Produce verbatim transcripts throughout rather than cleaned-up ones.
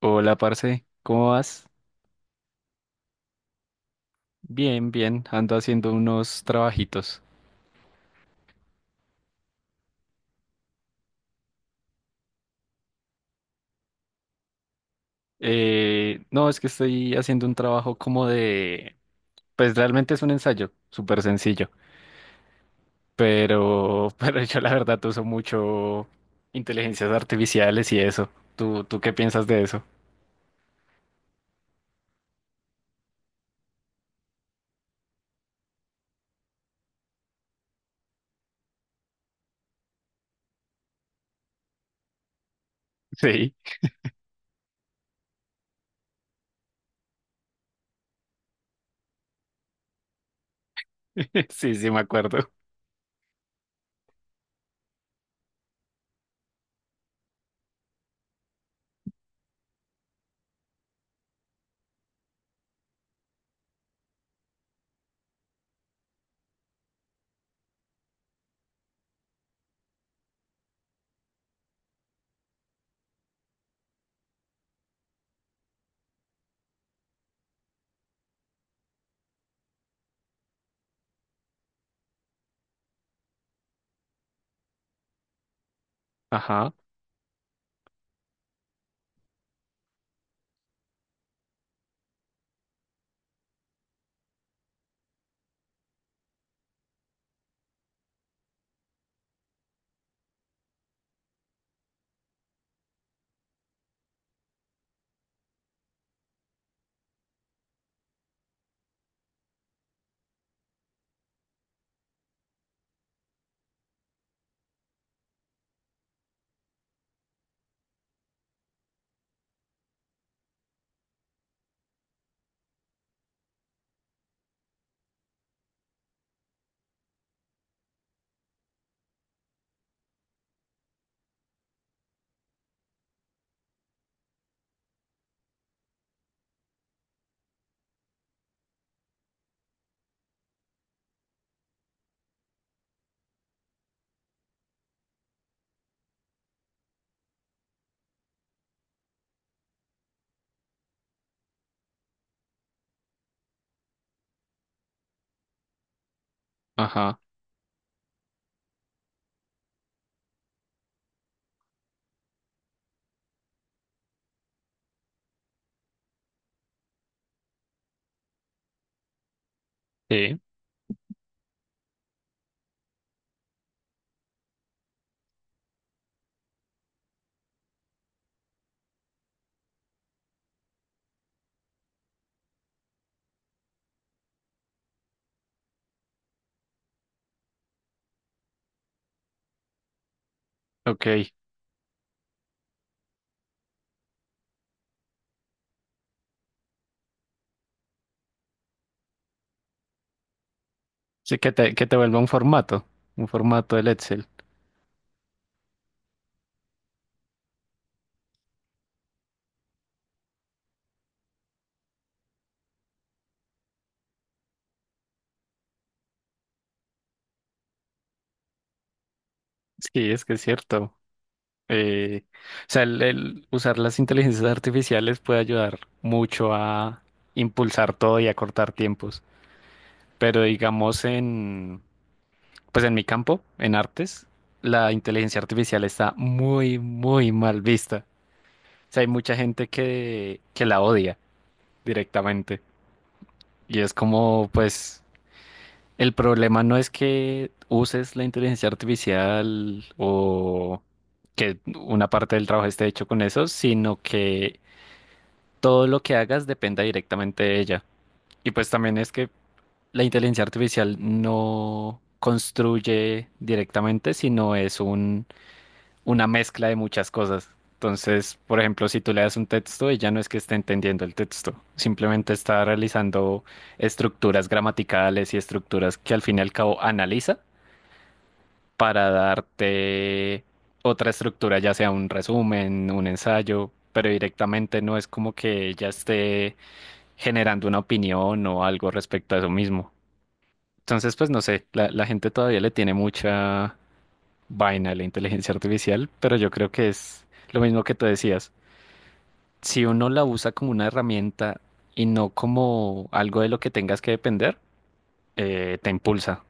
Hola, parce, ¿cómo vas? Bien, bien, ando haciendo unos trabajitos. Eh, no, es que estoy haciendo un trabajo como de, pues realmente es un ensayo, súper sencillo, pero, pero yo la verdad uso mucho inteligencias artificiales y eso. ¿Tú, tú ¿qué piensas de eso? Sí, sí, sí, me acuerdo. Ajá, ajá, sí, ok. Sí, que te, que te vuelva un formato, un formato del Excel. Sí, es que es cierto. Eh, o sea, el, el usar las inteligencias artificiales puede ayudar mucho a impulsar todo y a cortar tiempos. Pero digamos en, pues en mi campo, en artes, la inteligencia artificial está muy, muy mal vista. O sea, hay mucha gente que, que la odia directamente. Y es como, pues, el problema no es que uses la inteligencia artificial o que una parte del trabajo esté hecho con eso, sino que todo lo que hagas dependa directamente de ella. Y pues también es que la inteligencia artificial no construye directamente, sino es un, una mezcla de muchas cosas. Entonces, por ejemplo, si tú le das un texto, ella no es que esté entendiendo el texto, simplemente está realizando estructuras gramaticales y estructuras que al fin y al cabo analiza para darte otra estructura, ya sea un resumen, un ensayo, pero directamente no es como que ella esté generando una opinión o algo respecto a eso mismo. Entonces, pues no sé, la, la gente todavía le tiene mucha vaina a la inteligencia artificial, pero yo creo que es lo mismo que tú decías. Si uno la usa como una herramienta y no como algo de lo que tengas que depender, eh, te impulsa.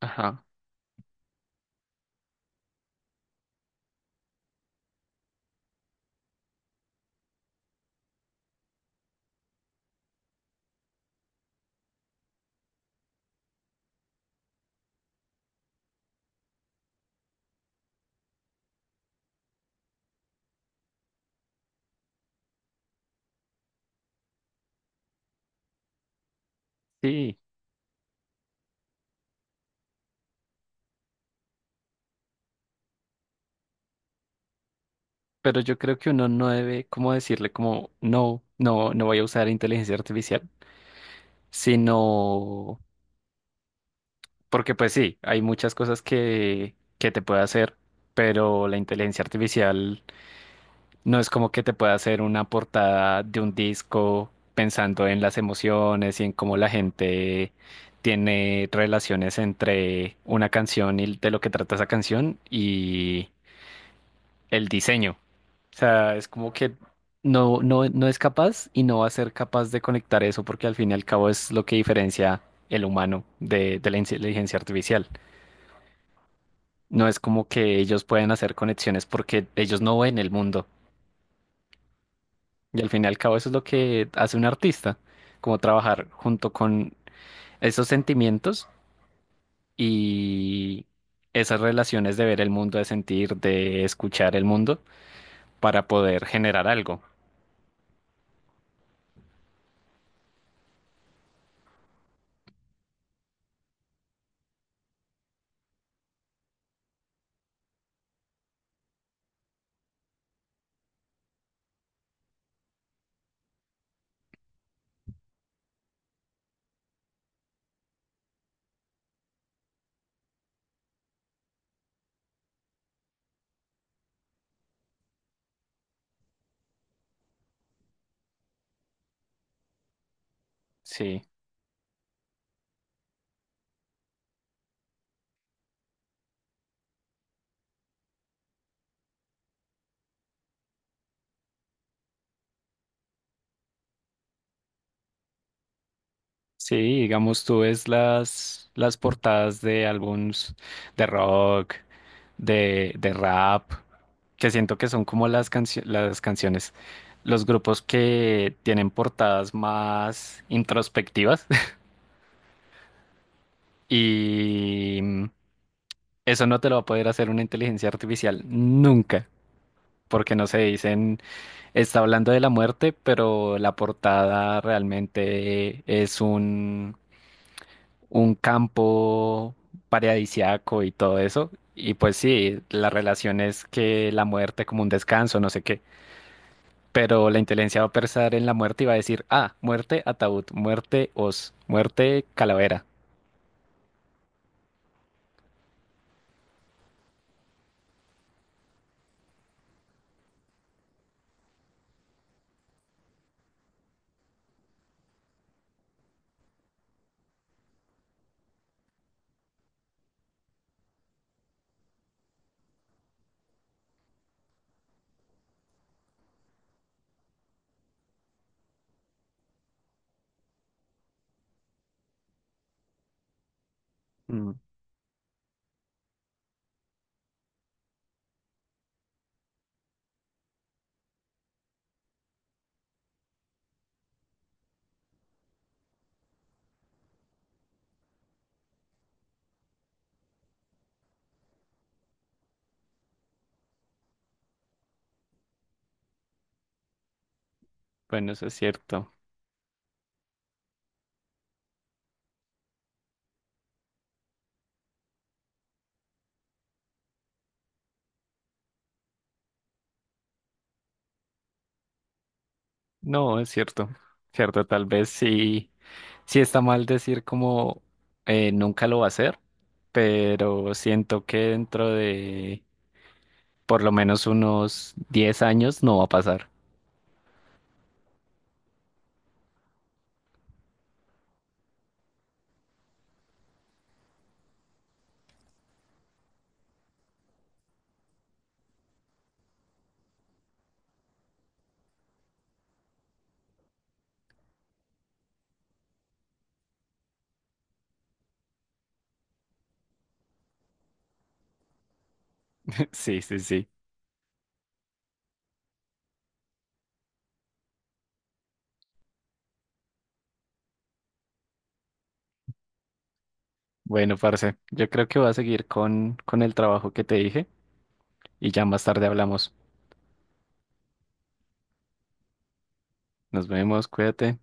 Ajá. Sí, pero yo creo que uno no debe como decirle como no, no, no voy a usar inteligencia artificial, sino. Porque pues sí, hay muchas cosas que, que te puede hacer, pero la inteligencia artificial no es como que te pueda hacer una portada de un disco pensando en las emociones y en cómo la gente tiene relaciones entre una canción y de lo que trata esa canción y el diseño. O sea, es como que no, no, no es capaz y no va a ser capaz de conectar eso porque al fin y al cabo es lo que diferencia el humano de, de la inteligencia artificial. No es como que ellos pueden hacer conexiones porque ellos no ven el mundo. Y al fin y al cabo eso es lo que hace un artista, como trabajar junto con esos sentimientos y esas relaciones de ver el mundo, de sentir, de escuchar el mundo para poder generar algo. Sí. Sí, digamos, tú ves las, las portadas de álbums de rock, de, de rap, que siento que son como las cancio- las canciones, los grupos que tienen portadas más introspectivas y mm, eso no te lo va a poder hacer una inteligencia artificial nunca, porque no se dicen, está hablando de la muerte, pero la portada realmente es un un campo paradisiaco y todo eso. Y pues sí, la relación es que la muerte como un descanso, no sé qué. Pero la inteligencia va a pensar en la muerte y va a decir, ah, muerte ataúd, muerte os, muerte calavera. Mm, bueno, eso es cierto. No, es cierto. Cierto, tal vez sí, sí está mal decir como eh, nunca lo va a hacer, pero siento que dentro de por lo menos unos diez años no va a pasar. Sí, sí, sí. Bueno, parce, yo creo que voy a seguir con, con el trabajo que te dije y ya más tarde hablamos. Nos vemos, cuídate.